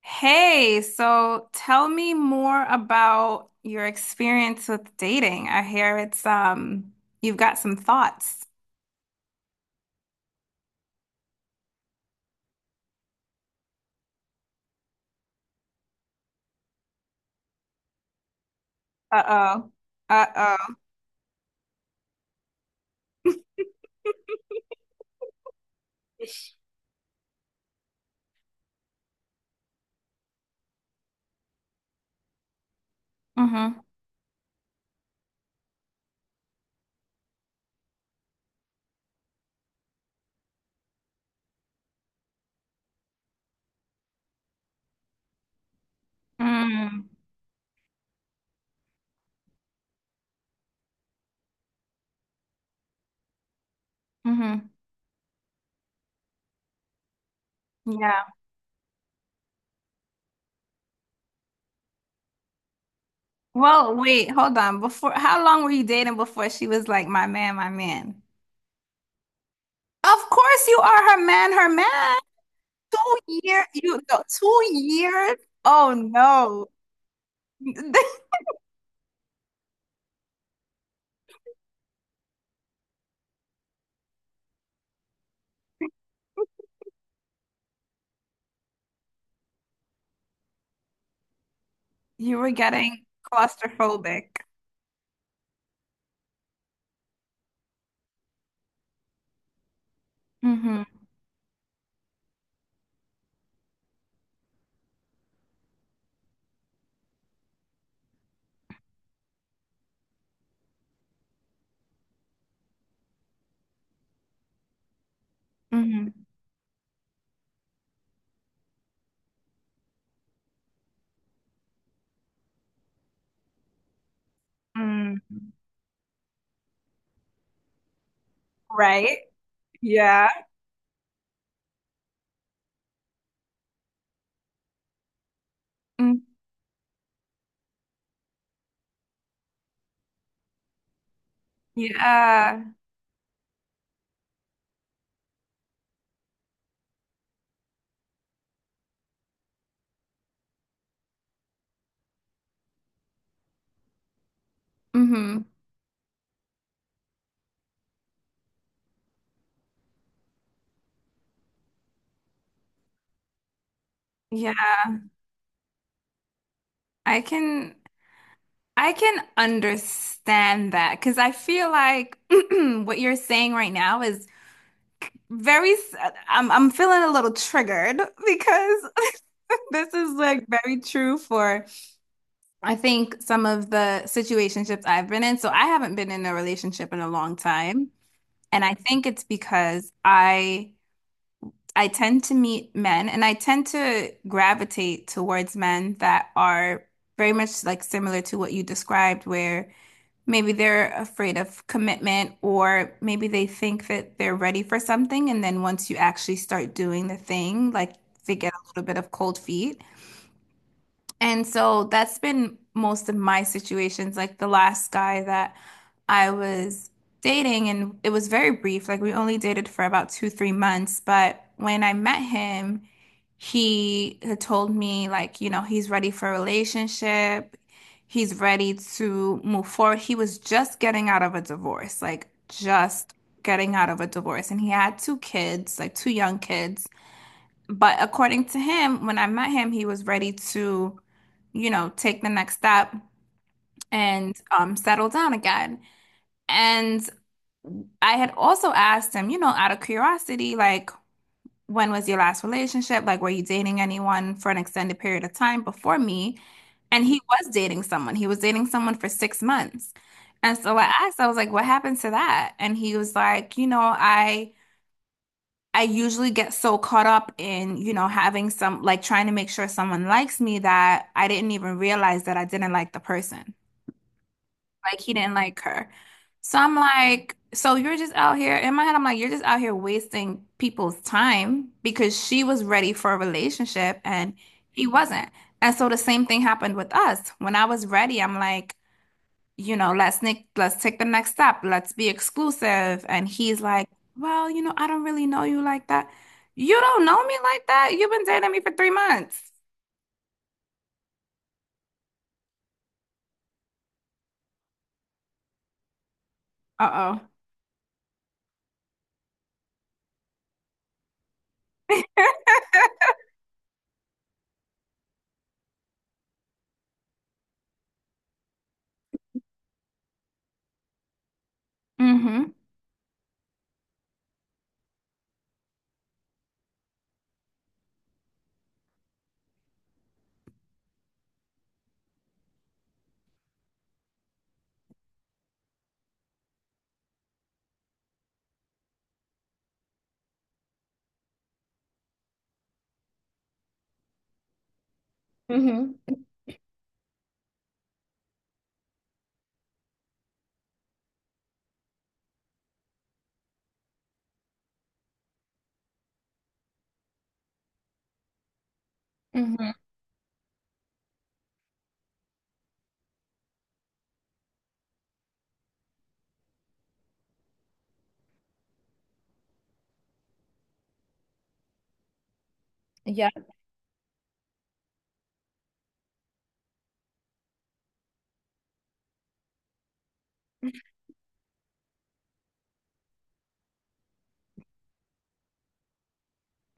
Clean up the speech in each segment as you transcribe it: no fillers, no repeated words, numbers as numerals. Hey, so tell me more about your experience with dating. I hear it's you've got some thoughts. Uh-oh. Uh-oh. Mm-hmm. Mm. Mm-hmm. Yeah. Well, wait, hold on. Before how long were you dating before she was like, my man, my man? Of course you are her man, her man. Two 2 years? Oh no. You were getting claustrophobic. Mm-hmm. Mm-hmm. Mm, right? Yeah. Mm, yeah. Hmm. Yeah, I can I can understand that because I feel like what you're saying right now is, very s- I'm feeling a little triggered because this is like very true for I think some of the situationships I've been in. So I haven't been in a relationship in a long time, and I think it's because I tend to meet men, and I tend to gravitate towards men that are very much like similar to what you described, where maybe they're afraid of commitment or maybe they think that they're ready for something. And then once you actually start doing the thing, like they get a little bit of cold feet. And so that's been most of my situations. Like the last guy that I was dating, and it was very brief, like we only dated for about two, 3 months. But when I met him, he had told me like he's ready for a relationship. He's ready to move forward. He was just getting out of a divorce, like just getting out of a divorce. And he had two kids, like two young kids. But according to him, when I met him, he was ready to take the next step and settle down again. And I had also asked him out of curiosity, like, when was your last relationship? Like, were you dating anyone for an extended period of time before me? And he was dating someone. He was dating someone for 6 months. And so I asked, I was like, what happened to that? And he was like I usually get so caught up in having some like trying to make sure someone likes me that I didn't even realize that I didn't like the person. Like he didn't like her. So I'm like, so you're just out here, in my head, I'm like, you're just out here wasting people's time because she was ready for a relationship and he wasn't. And so the same thing happened with us. When I was ready, I'm like let's take the next step. Let's be exclusive. And he's like, well I don't really know you like that. You don't know me like that. You've been dating me for 3 months. Uh-oh. Mm-hmm. Mm-hmm. Yeah.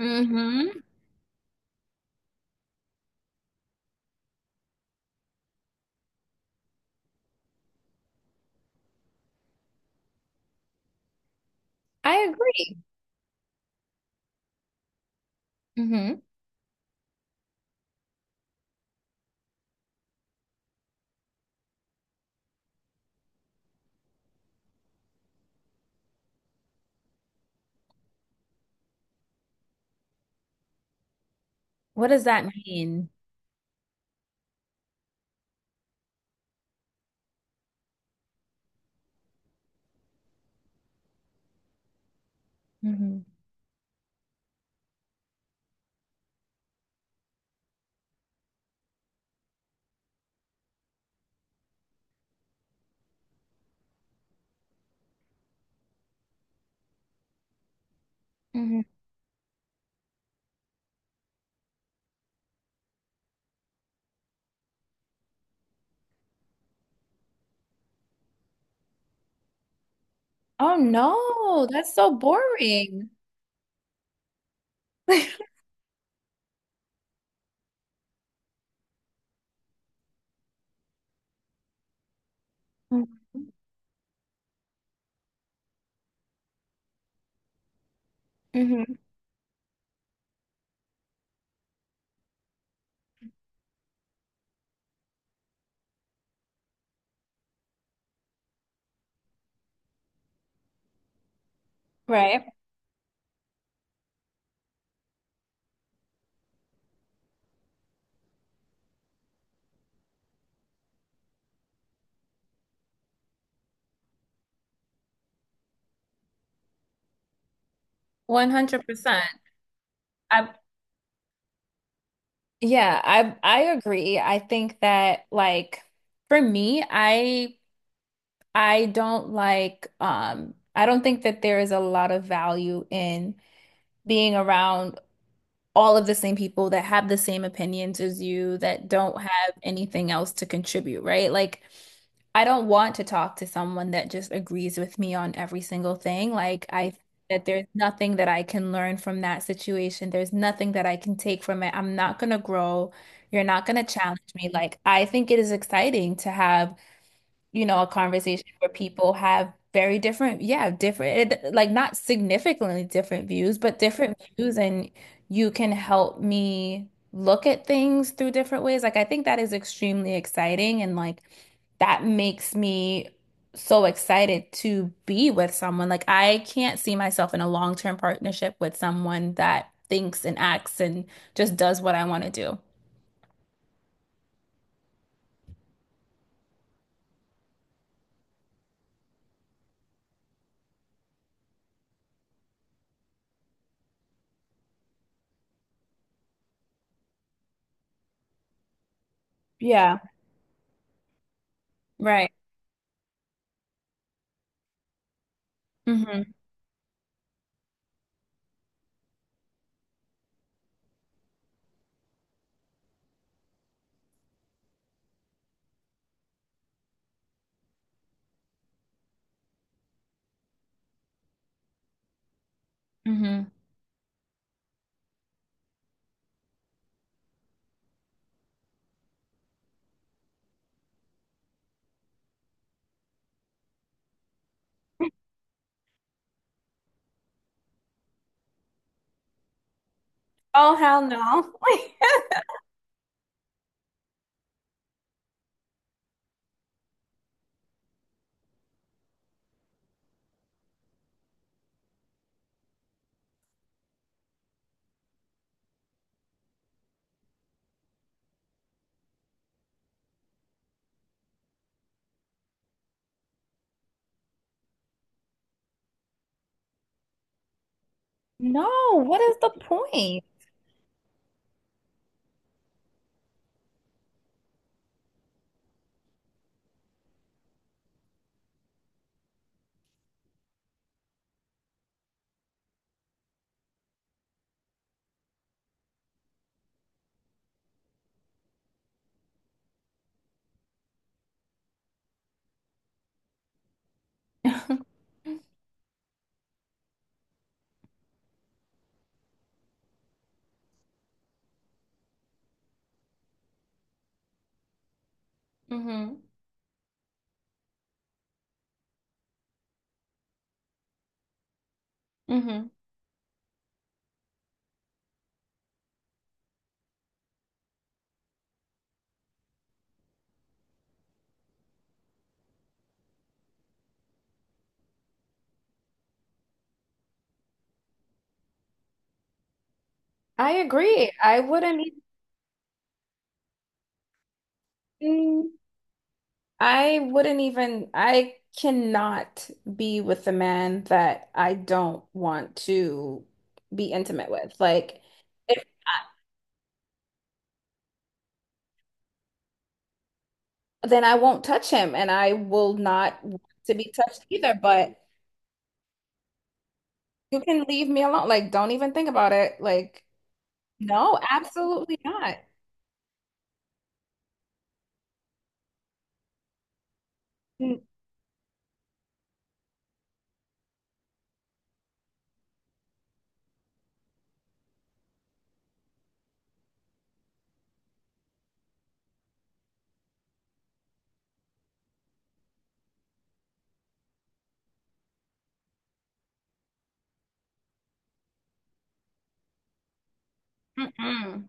Mm-hmm. I. Mm-hmm. Oh no, that's so boring. Hmm. Right. 100%. I yeah, I agree. I think that like for me, I don't like, I don't think that there is a lot of value in being around all of the same people that have the same opinions as you, that don't have anything else to contribute, right? Like, I don't want to talk to someone that just agrees with me on every single thing. Like, I think that there's nothing that I can learn from that situation. There's nothing that I can take from it. I'm not gonna grow. You're not gonna challenge me. Like, I think it is exciting to have, a conversation where people have very different, yeah, different, like not significantly different views, but different views, and you can help me look at things through different ways. Like, I think that is extremely exciting, and like that makes me so excited to be with someone. Like, I can't see myself in a long-term partnership with someone that thinks and acts and just does what I want to do. Yeah. Right. hmm hmm Oh, hell no. No, what is the point? hmm hmm I agree. Even, I wouldn't even, I cannot be with a man that I don't want to be intimate with. Like, if I, then I won't touch him, and I will not want to be touched either. But you can leave me alone. Like, don't even think about it. Like, no, absolutely not. Mm- Mm-mm.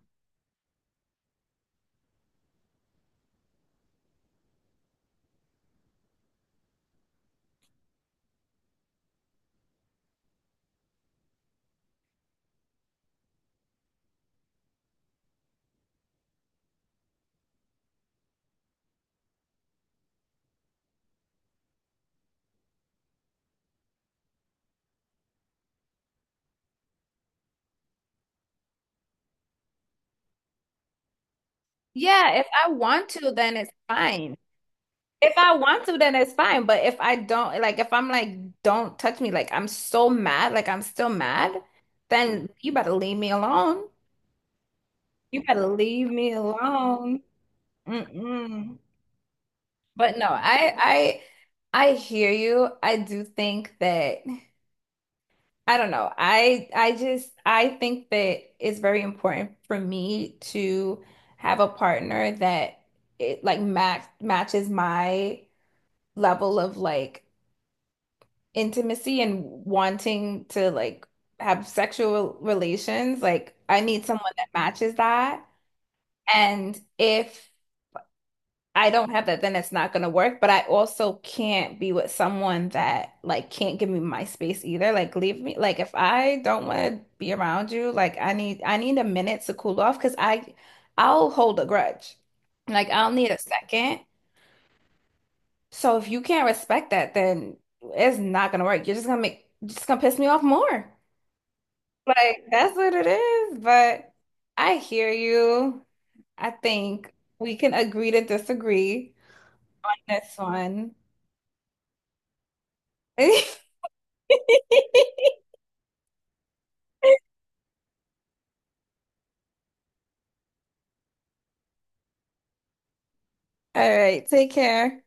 Yeah, if I want to, then it's fine. If I want to, then it's fine. But if I don't, like, if I'm like, don't touch me, like, I'm so mad, like, I'm still mad, then you better leave me alone. You better leave me alone. Mm-mm. But no, I hear you. I do think that, I don't know. I think that it's very important for me to have a partner that it like matches my level of like intimacy and wanting to like have sexual relations, like I need someone that matches that. And if I don't have that, then it's not gonna work. But I also can't be with someone that like can't give me my space either. Like leave me. Like if I don't want to be around you, like I need a minute to cool off, because I'll hold a grudge. Like I'll need a second. So if you can't respect that, then it's not gonna work. You're just gonna piss me off more. Like that's what it is, but I hear you. I think we can agree to disagree. That's fun. All right, take care.